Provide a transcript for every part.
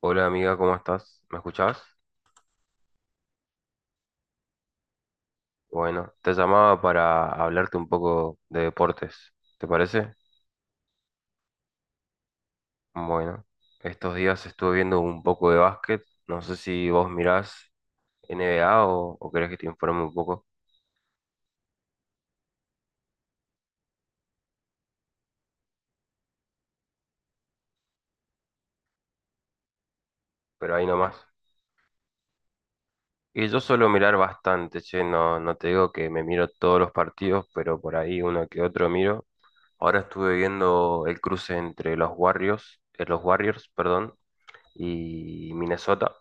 Hola amiga, ¿cómo estás? ¿Me escuchás? Bueno, te llamaba para hablarte un poco de deportes, ¿te parece? Bueno, estos días estuve viendo un poco de básquet, no sé si vos mirás NBA o querés que te informe un poco, pero ahí nomás. Y yo suelo mirar bastante, che, no te digo que me miro todos los partidos, pero por ahí uno que otro miro. Ahora estuve viendo el cruce entre los Warriors, perdón, y Minnesota,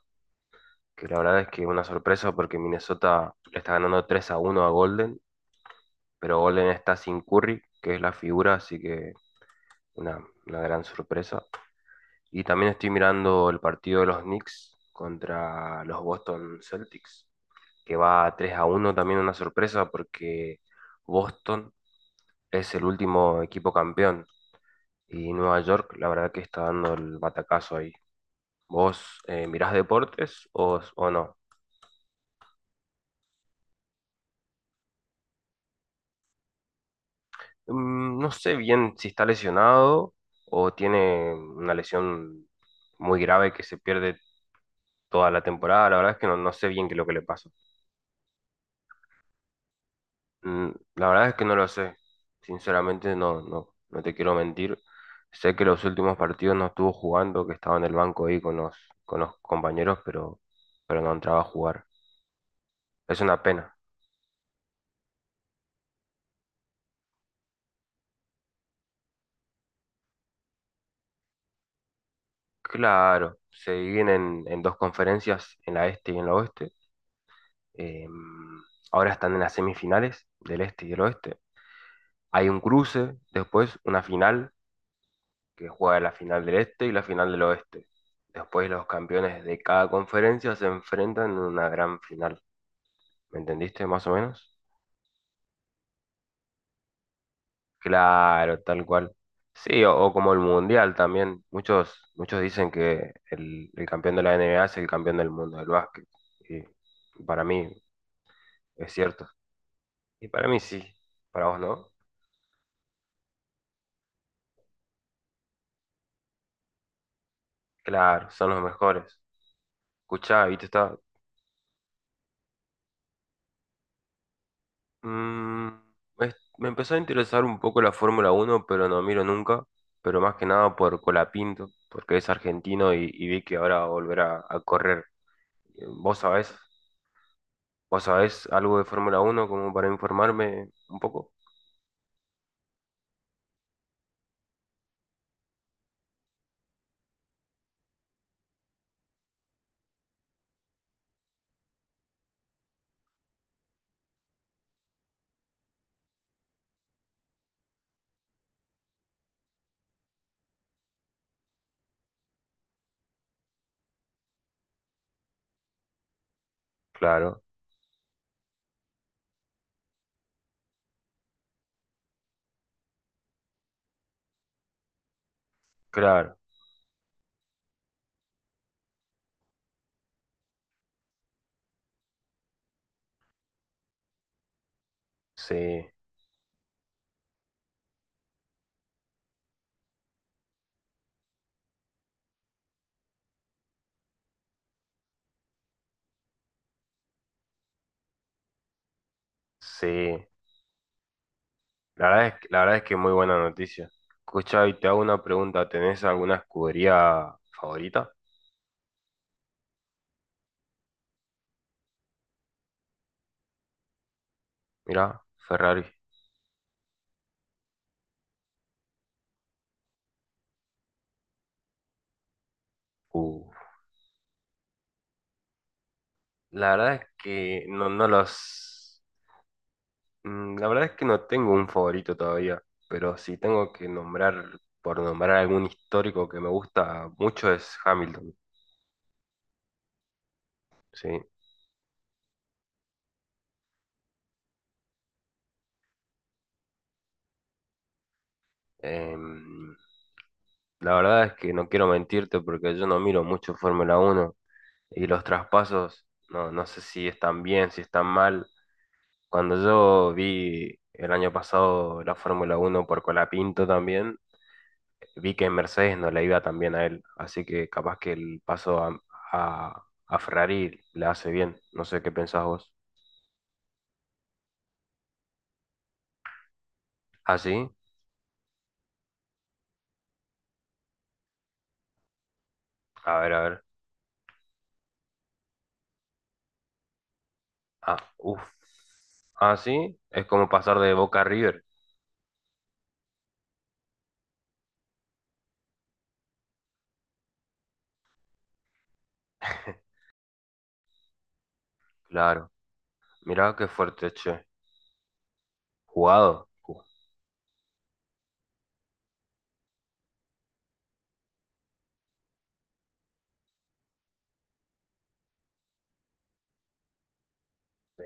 que la verdad es que una sorpresa porque Minnesota le está ganando 3 a uno a Golden, pero Golden está sin Curry, que es la figura, así que una gran sorpresa. Y también estoy mirando el partido de los Knicks contra los Boston Celtics, que va 3 a uno, también una sorpresa porque Boston es el último equipo campeón y Nueva York la verdad que está dando el batacazo ahí. ¿Vos mirás deportes o no? Mm, no sé bien si está lesionado o tiene una lesión muy grave que se pierde toda la temporada. La verdad es que no sé bien qué es lo que le pasa. Mm, la verdad es que no lo sé. Sinceramente, no te quiero mentir. Sé que los últimos partidos no estuvo jugando, que estaba en el banco ahí con con los compañeros, pero no entraba a jugar. Es una pena. Claro, se dividen en dos conferencias, en la este y en la oeste. Eh, ahora están en las semifinales del este y del oeste. Hay un cruce, después una final, que juega la final del este y la final del oeste. Después los campeones de cada conferencia se enfrentan en una gran final. ¿Me entendiste más o menos? Claro, tal cual. Sí, o como el Mundial también. Muchos, muchos dicen que el campeón de la NBA es el campeón del mundo del básquet. Y para mí es cierto. Y para mí sí. Para vos no. Claro, son los mejores. Escuchá, viste, está. mm, Me empezó a interesar un poco la Fórmula Uno, pero no miro nunca. Pero más que nada por Colapinto, porque es argentino y vi que ahora va a volver a correr. ¿Vos sabés? ¿Vos sabés algo de Fórmula Uno como para informarme un poco? Claro, claro, sí, sí. La verdad es, la verdad es que muy buena noticia. Escuchá, y te hago una pregunta. ¿Tenés alguna escudería favorita? Mirá, Ferrari. Uh, la verdad es que no los... Mm, la verdad es que no tengo un favorito todavía, pero si tengo que nombrar, por nombrar algún histórico que me gusta mucho es Hamilton, ¿sí? Em, la verdad es que no quiero mentirte porque yo no miro mucho Fórmula uno y los traspasos, no sé si están bien, si están mal. Cuando yo vi el año pasado la Fórmula uno por Colapinto también, vi que en Mercedes no le iba tan bien a él, así que capaz que el paso a, a Ferrari le hace bien. No sé qué pensás vos. Así, a ver, a ver. Ah, uff. Así es como pasar de Boca a River. Claro, mirá qué fuerte, che. Jugado. Sí.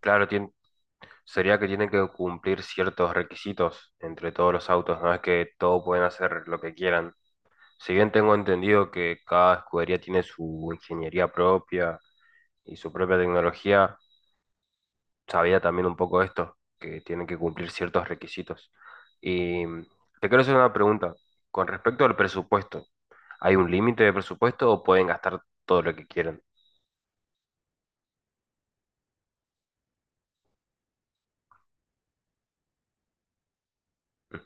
Claro, tien- Sería que tienen que cumplir ciertos requisitos entre todos los autos, no es que todos pueden hacer lo que quieran. Si bien tengo entendido que cada escudería tiene su ingeniería propia y su propia tecnología, sabía también un poco esto, que tienen que cumplir ciertos requisitos. Y te quiero hacer una pregunta. Con respecto al presupuesto, ¿hay un límite de presupuesto o pueden gastar todo lo que quieran? Mm.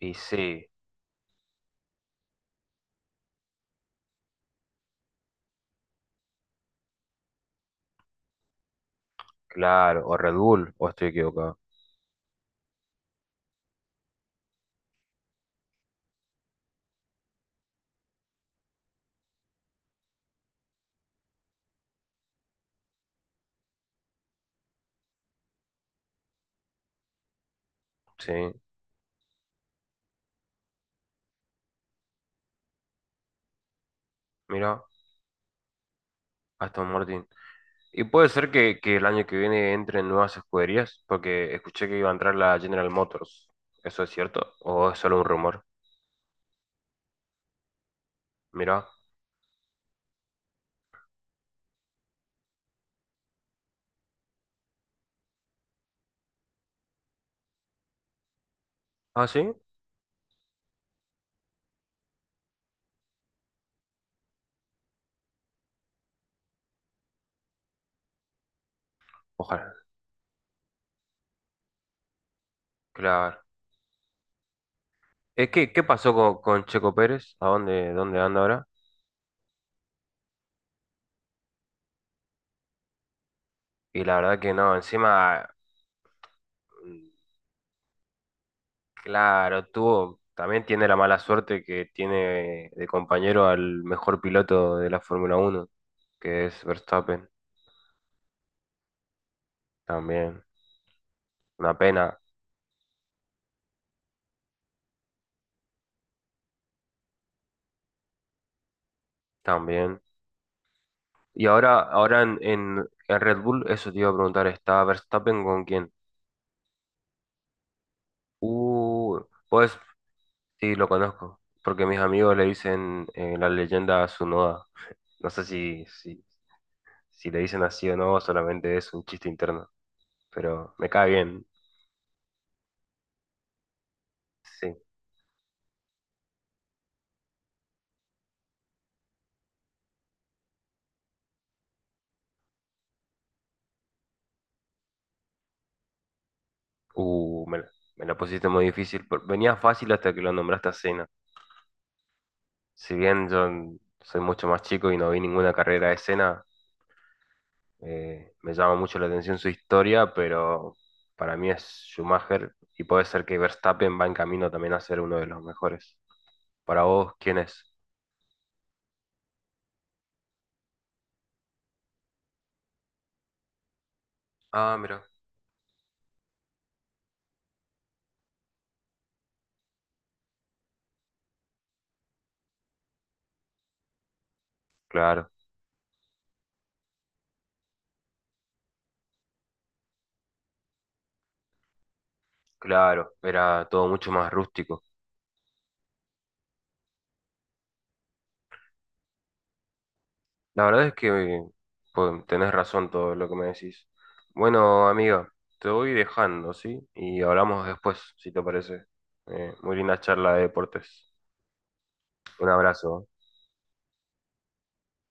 Y sí, claro, o Red Bull, o estoy equivocado. Sí, mira, Aston Martin. Y puede ser que el año que viene entren nuevas escuderías, porque escuché que iba a entrar la General Motors. ¿Eso es cierto? ¿O es solo un rumor? Mira. Ah, sí. Ojalá. Claro. Es que, ¿qué pasó con Checo Pérez? ¿A dónde, dónde anda ahora? Y la verdad que no, encima, mm, claro, tuvo, también tiene la mala suerte que tiene de compañero al mejor piloto de la Fórmula Uno, que es Verstappen, también. Una pena, también. Y ahora, ahora en Red Bull, eso te iba a preguntar, ¿está Verstappen con quién? Uh, pues sí, lo conozco, porque mis amigos le dicen la leyenda Tsunoda. No sé si le dicen así o no, solamente es un chiste interno. Pero me cae bien, sí. Uh, me, la- Me la pusiste muy difícil. Venía fácil hasta que lo nombraste a Senna. Si bien yo soy mucho más chico y no vi ninguna carrera de Senna, me llama mucho la atención su historia, pero para mí es Schumacher y puede ser que Verstappen va en camino también a ser uno de los mejores. Para vos, ¿quién es? Ah, mira. Claro, claro. Era todo mucho más rústico. La verdad es que pues, tenés razón todo lo que me decís. Bueno, amiga, te voy dejando, ¿sí? Y hablamos después, si te parece. Muy linda charla de deportes. Un abrazo.